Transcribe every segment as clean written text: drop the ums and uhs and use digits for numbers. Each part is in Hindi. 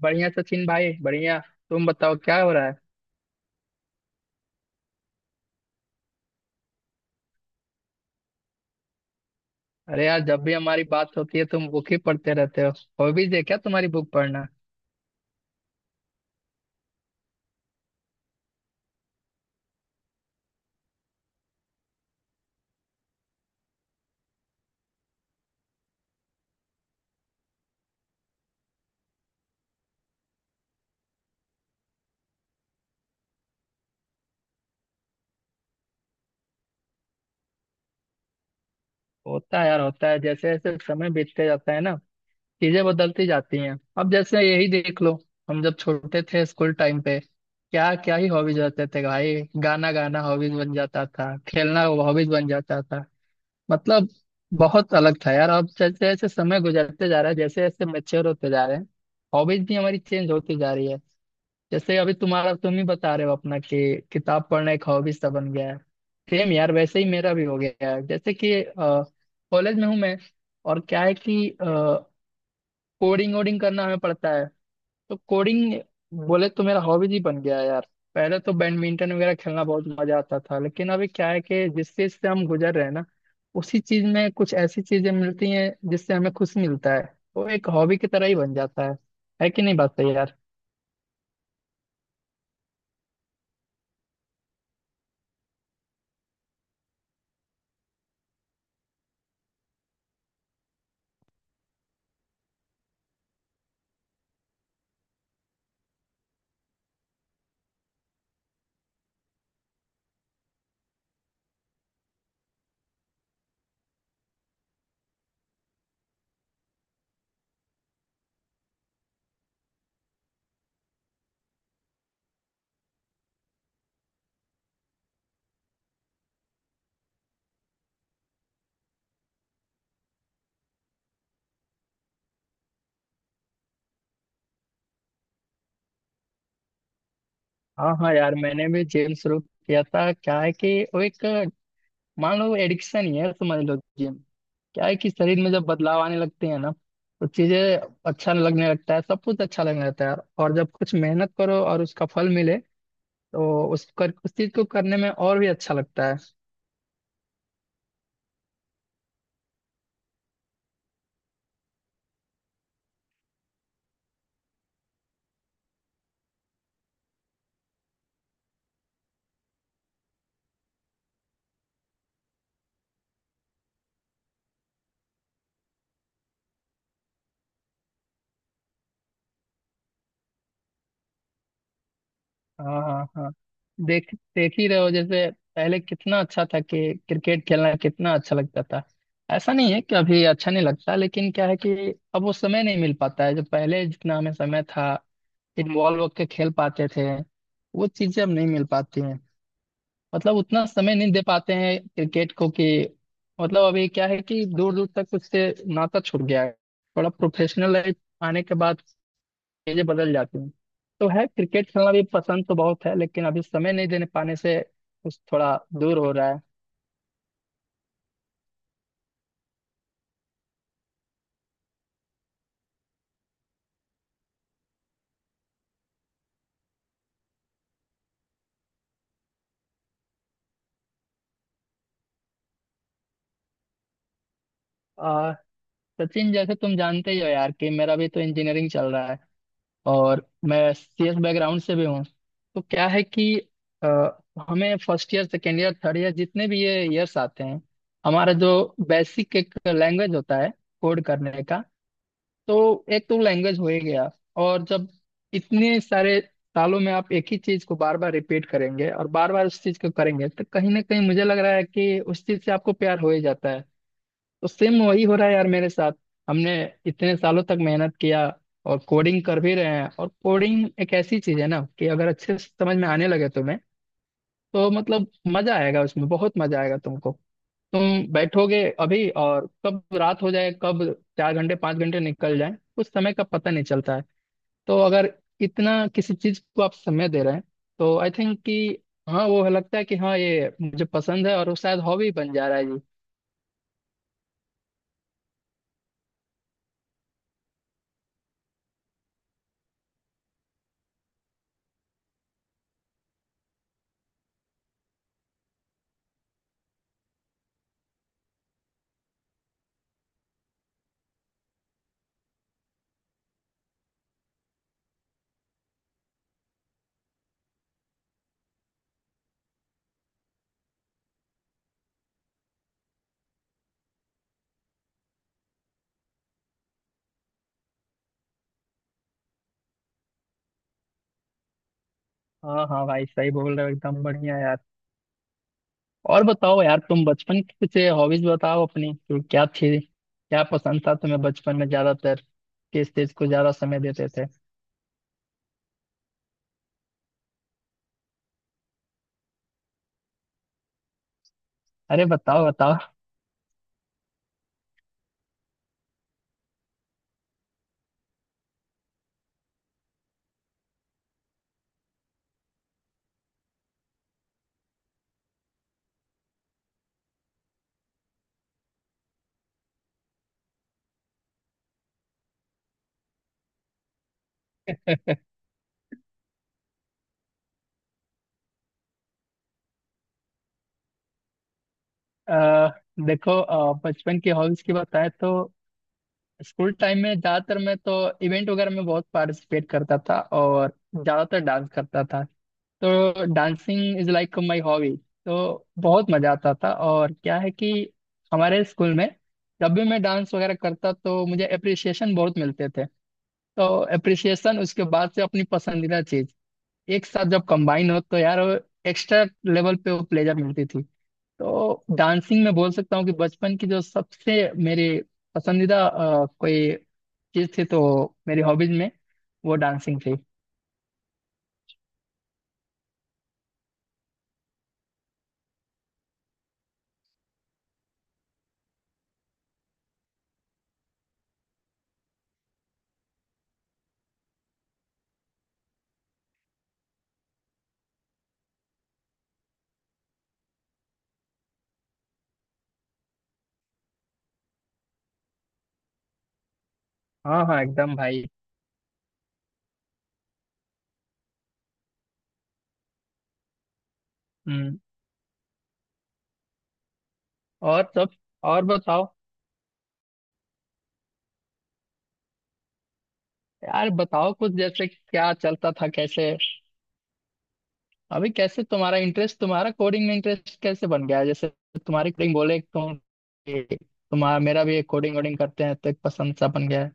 बढ़िया सचिन भाई बढ़िया। तुम बताओ क्या हो रहा है? अरे यार, जब भी हमारी बात होती है तुम बुक ही पढ़ते रहते हो। हॉबीज है क्या तुम्हारी बुक पढ़ना? होता है यार होता है, जैसे जैसे समय बीतते जाता है ना चीजें बदलती जाती हैं। अब जैसे यही देख लो, हम जब छोटे थे स्कूल टाइम पे क्या क्या ही हॉबीज रहते थे भाई। गाना गाना हॉबीज बन जाता था, खेलना हॉबीज बन जाता था। मतलब बहुत अलग था यार। अब जैसे जैसे समय गुजरते जा रहा है, जैसे जैसे मेच्योर होते जा रहे हैं हॉबीज भी हमारी चेंज होती जा रही है। जैसे अभी तुम्हारा, तुम ही बता रहे हो अपना कि किताब पढ़ना एक हॉबी सा बन गया है। सेम यार, वैसे ही मेरा भी हो गया है। जैसे कि कॉलेज में हूँ मैं और क्या है कि कोडिंग वोडिंग करना हमें पड़ता है, तो कोडिंग बोले तो मेरा हॉबी ही बन गया है यार। पहले तो बैडमिंटन वगैरह खेलना बहुत मजा आता था, लेकिन अभी क्या है कि जिस चीज से हम गुजर रहे हैं ना, उसी चीज में कुछ ऐसी चीजें मिलती हैं जिससे हमें खुशी मिलता है। वो एक हॉबी की तरह ही बन जाता है। है कि नहीं बात सही यार? हाँ हाँ यार, मैंने भी जिम शुरू किया था। क्या है कि वो एक, मान लो एडिक्शन ही है, समझ लो जिम। क्या है कि शरीर में जब बदलाव आने लगते हैं ना, तो चीजें अच्छा लगने लगता है, सब कुछ अच्छा लगने लगता है यार। और जब कुछ मेहनत करो और उसका फल मिले, तो उस चीज को करने में और भी अच्छा लगता है। हाँ हाँ हाँ, देख देख ही रहे हो जैसे। पहले कितना अच्छा था कि क्रिकेट खेलना कितना अच्छा लगता था। ऐसा नहीं है कि अभी अच्छा नहीं लगता, लेकिन क्या है कि अब वो समय नहीं मिल पाता है जो पहले जितना हमें समय था, इन्वॉल्व होकर खेल पाते थे, वो चीजें अब नहीं मिल पाती हैं। मतलब उतना समय नहीं दे पाते हैं क्रिकेट को कि, मतलब अभी क्या है कि दूर दूर तक उससे नाता छूट गया है। थोड़ा प्रोफेशनल लाइफ आने के बाद चीजें बदल जाती हैं। तो है, क्रिकेट खेलना भी पसंद तो बहुत है लेकिन अभी समय नहीं देने पाने से कुछ थोड़ा दूर हो रहा है। आ, सचिन जैसे तुम जानते ही हो यार कि मेरा भी तो इंजीनियरिंग चल रहा है और मैं सीएस बैकग्राउंड से भी हूँ। तो क्या है कि अ, हमें first year second year third year जितने भी ये ईयर्स आते हैं, हमारा जो बेसिक एक लैंग्वेज होता है कोड करने का। तो एक तो लैंग्वेज हो ही गया। और जब इतने सारे सालों में आप एक ही चीज को बार बार रिपीट करेंगे और बार बार उस चीज को करेंगे तो कहीं ना कहीं मुझे लग रहा है कि उस चीज से आपको प्यार हो ही जाता है। तो सेम वही हो रहा है यार मेरे साथ। हमने इतने सालों तक मेहनत किया और कोडिंग कर भी रहे हैं। और कोडिंग एक ऐसी चीज है ना कि अगर अच्छे से समझ में आने लगे तुम्हें तो मतलब मजा आएगा, उसमें बहुत मजा आएगा तुमको। तुम बैठोगे अभी और कब रात हो जाए, कब 4 घंटे 5 घंटे निकल जाए उस समय का पता नहीं चलता है। तो अगर इतना किसी चीज को आप समय दे रहे हैं तो आई थिंक कि हाँ, वो लगता है कि हाँ ये मुझे पसंद है और वो शायद हॉबी बन जा रहा है जी। हाँ हाँ भाई, सही बोल रहे हो एकदम बढ़िया यार। और बताओ यार, तुम बचपन की कुछ हॉबीज बताओ अपनी, तो क्या थी क्या पसंद था तुम्हें बचपन में? ज्यादातर किस चीज को ज्यादा समय देते थे? अरे बताओ बताओ। अ, देखो, बचपन की हॉबीज की बताएं तो स्कूल टाइम में ज्यादातर मैं तो इवेंट वगैरह में बहुत पार्टिसिपेट करता था और ज्यादातर डांस करता था। तो dancing is like my hobby, तो बहुत मजा आता था। और क्या है कि हमारे स्कूल में जब भी मैं डांस वगैरह करता तो मुझे अप्रिसिएशन बहुत मिलते थे। तो अप्रिसिएशन उसके बाद से अपनी पसंदीदा चीज एक साथ जब कंबाइन हो तो यार एक्स्ट्रा लेवल पे वो प्लेजर मिलती थी। तो डांसिंग में बोल सकता हूँ कि बचपन की जो सबसे मेरी पसंदीदा कोई चीज थी तो मेरी हॉबीज में वो डांसिंग थी। हाँ हाँ एकदम भाई। हम्म। और सब, और बताओ। यार बताओ कुछ, जैसे क्या चलता था, कैसे? अभी कैसे तुम्हारा इंटरेस्ट, तुम्हारा कोडिंग में इंटरेस्ट कैसे बन गया जैसे। तुम्हारी कोडिंग बोले तो तुम्हारा, मेरा भी कोडिंग वोडिंग करते हैं तो एक पसंद सा बन गया है।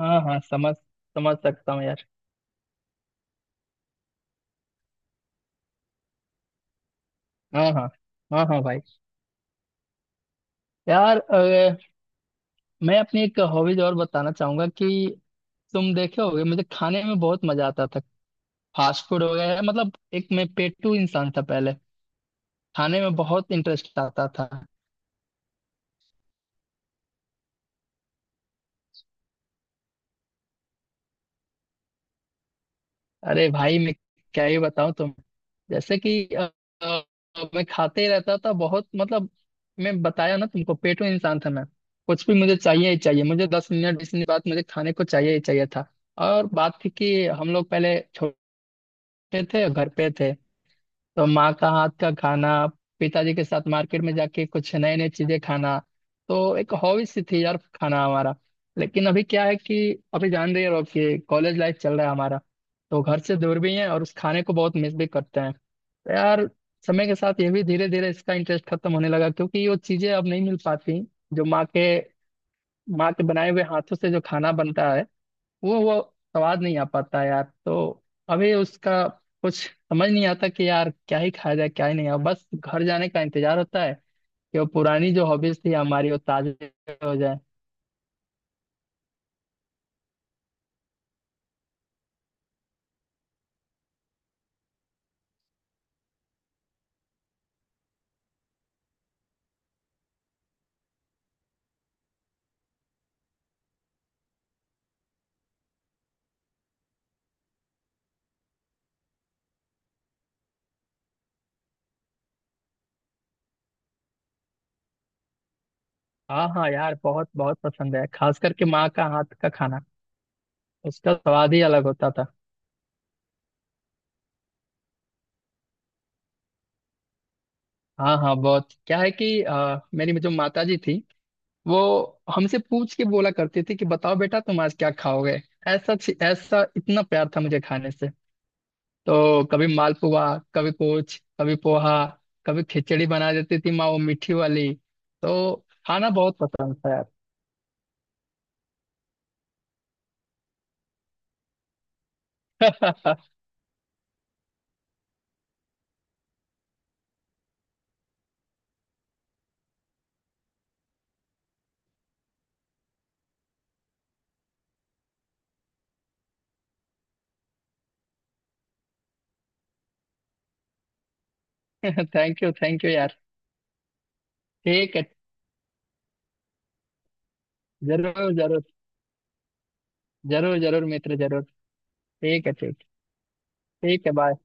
हाँ हाँ, समझ समझ सकता हूँ यार। हाँ हाँ हाँ हाँ भाई यार, मैं अपनी एक हॉबीज और बताना चाहूंगा कि तुम देखे होगे मुझे खाने में बहुत मजा आता था। फास्ट फूड वगैरह मतलब, एक मैं पेटू इंसान था पहले, खाने में बहुत इंटरेस्ट आता था। अरे भाई, मैं क्या ही बताऊं तुम। जैसे कि अ, मैं खाते ही रहता था बहुत। मतलब मैं बताया ना तुमको पेटू इंसान था मैं। कुछ भी मुझे चाहिए ही चाहिए, मुझे 10 मिनट 20 मिनट बाद मुझे खाने को चाहिए ही चाहिए था। और बात थी कि हम लोग पहले छोटे थे, घर पे थे। तो माँ का हाथ का खाना, पिताजी के साथ मार्केट में जाके कुछ नए नए चीजें खाना, तो एक हॉबी सी थी यार खाना हमारा। लेकिन अभी क्या है कि अभी जान रही हो कि कॉलेज लाइफ चल रहा है हमारा, तो घर से दूर भी हैं और उस खाने को बहुत मिस भी करते हैं तो यार। समय के साथ ये भी धीरे धीरे इसका इंटरेस्ट खत्म होने लगा, क्योंकि वो चीजें अब नहीं मिल पाती जो माँ के बनाए हुए हाथों से जो खाना बनता है वो स्वाद नहीं आ पाता यार। तो अभी उसका कुछ समझ नहीं आता कि यार क्या ही खाया जाए क्या ही नहीं, और बस घर जाने का इंतजार होता है कि वो पुरानी जो हॉबीज थी हमारी वो ताजे हो जाए। हाँ हाँ यार, बहुत बहुत पसंद है, खास करके माँ का हाथ का खाना। उसका स्वाद ही अलग होता था। हाँ हाँ बहुत, क्या है कि मेरी जो माता जी थी वो हमसे पूछ के बोला करती थी कि बताओ बेटा तुम आज क्या खाओगे। ऐसा ऐसा इतना प्यार था मुझे खाने से। तो कभी मालपुआ, कभी कुछ, कभी पोहा, कभी खिचड़ी बना देती थी माँ वो मीठी वाली। तो खाना बहुत पसंद था यार। थैंक यू यार। ठीक है। जरूर जरूर। जरूर जरूर मित्र जरूर। ठीक है ठीक। ठीक है बाय।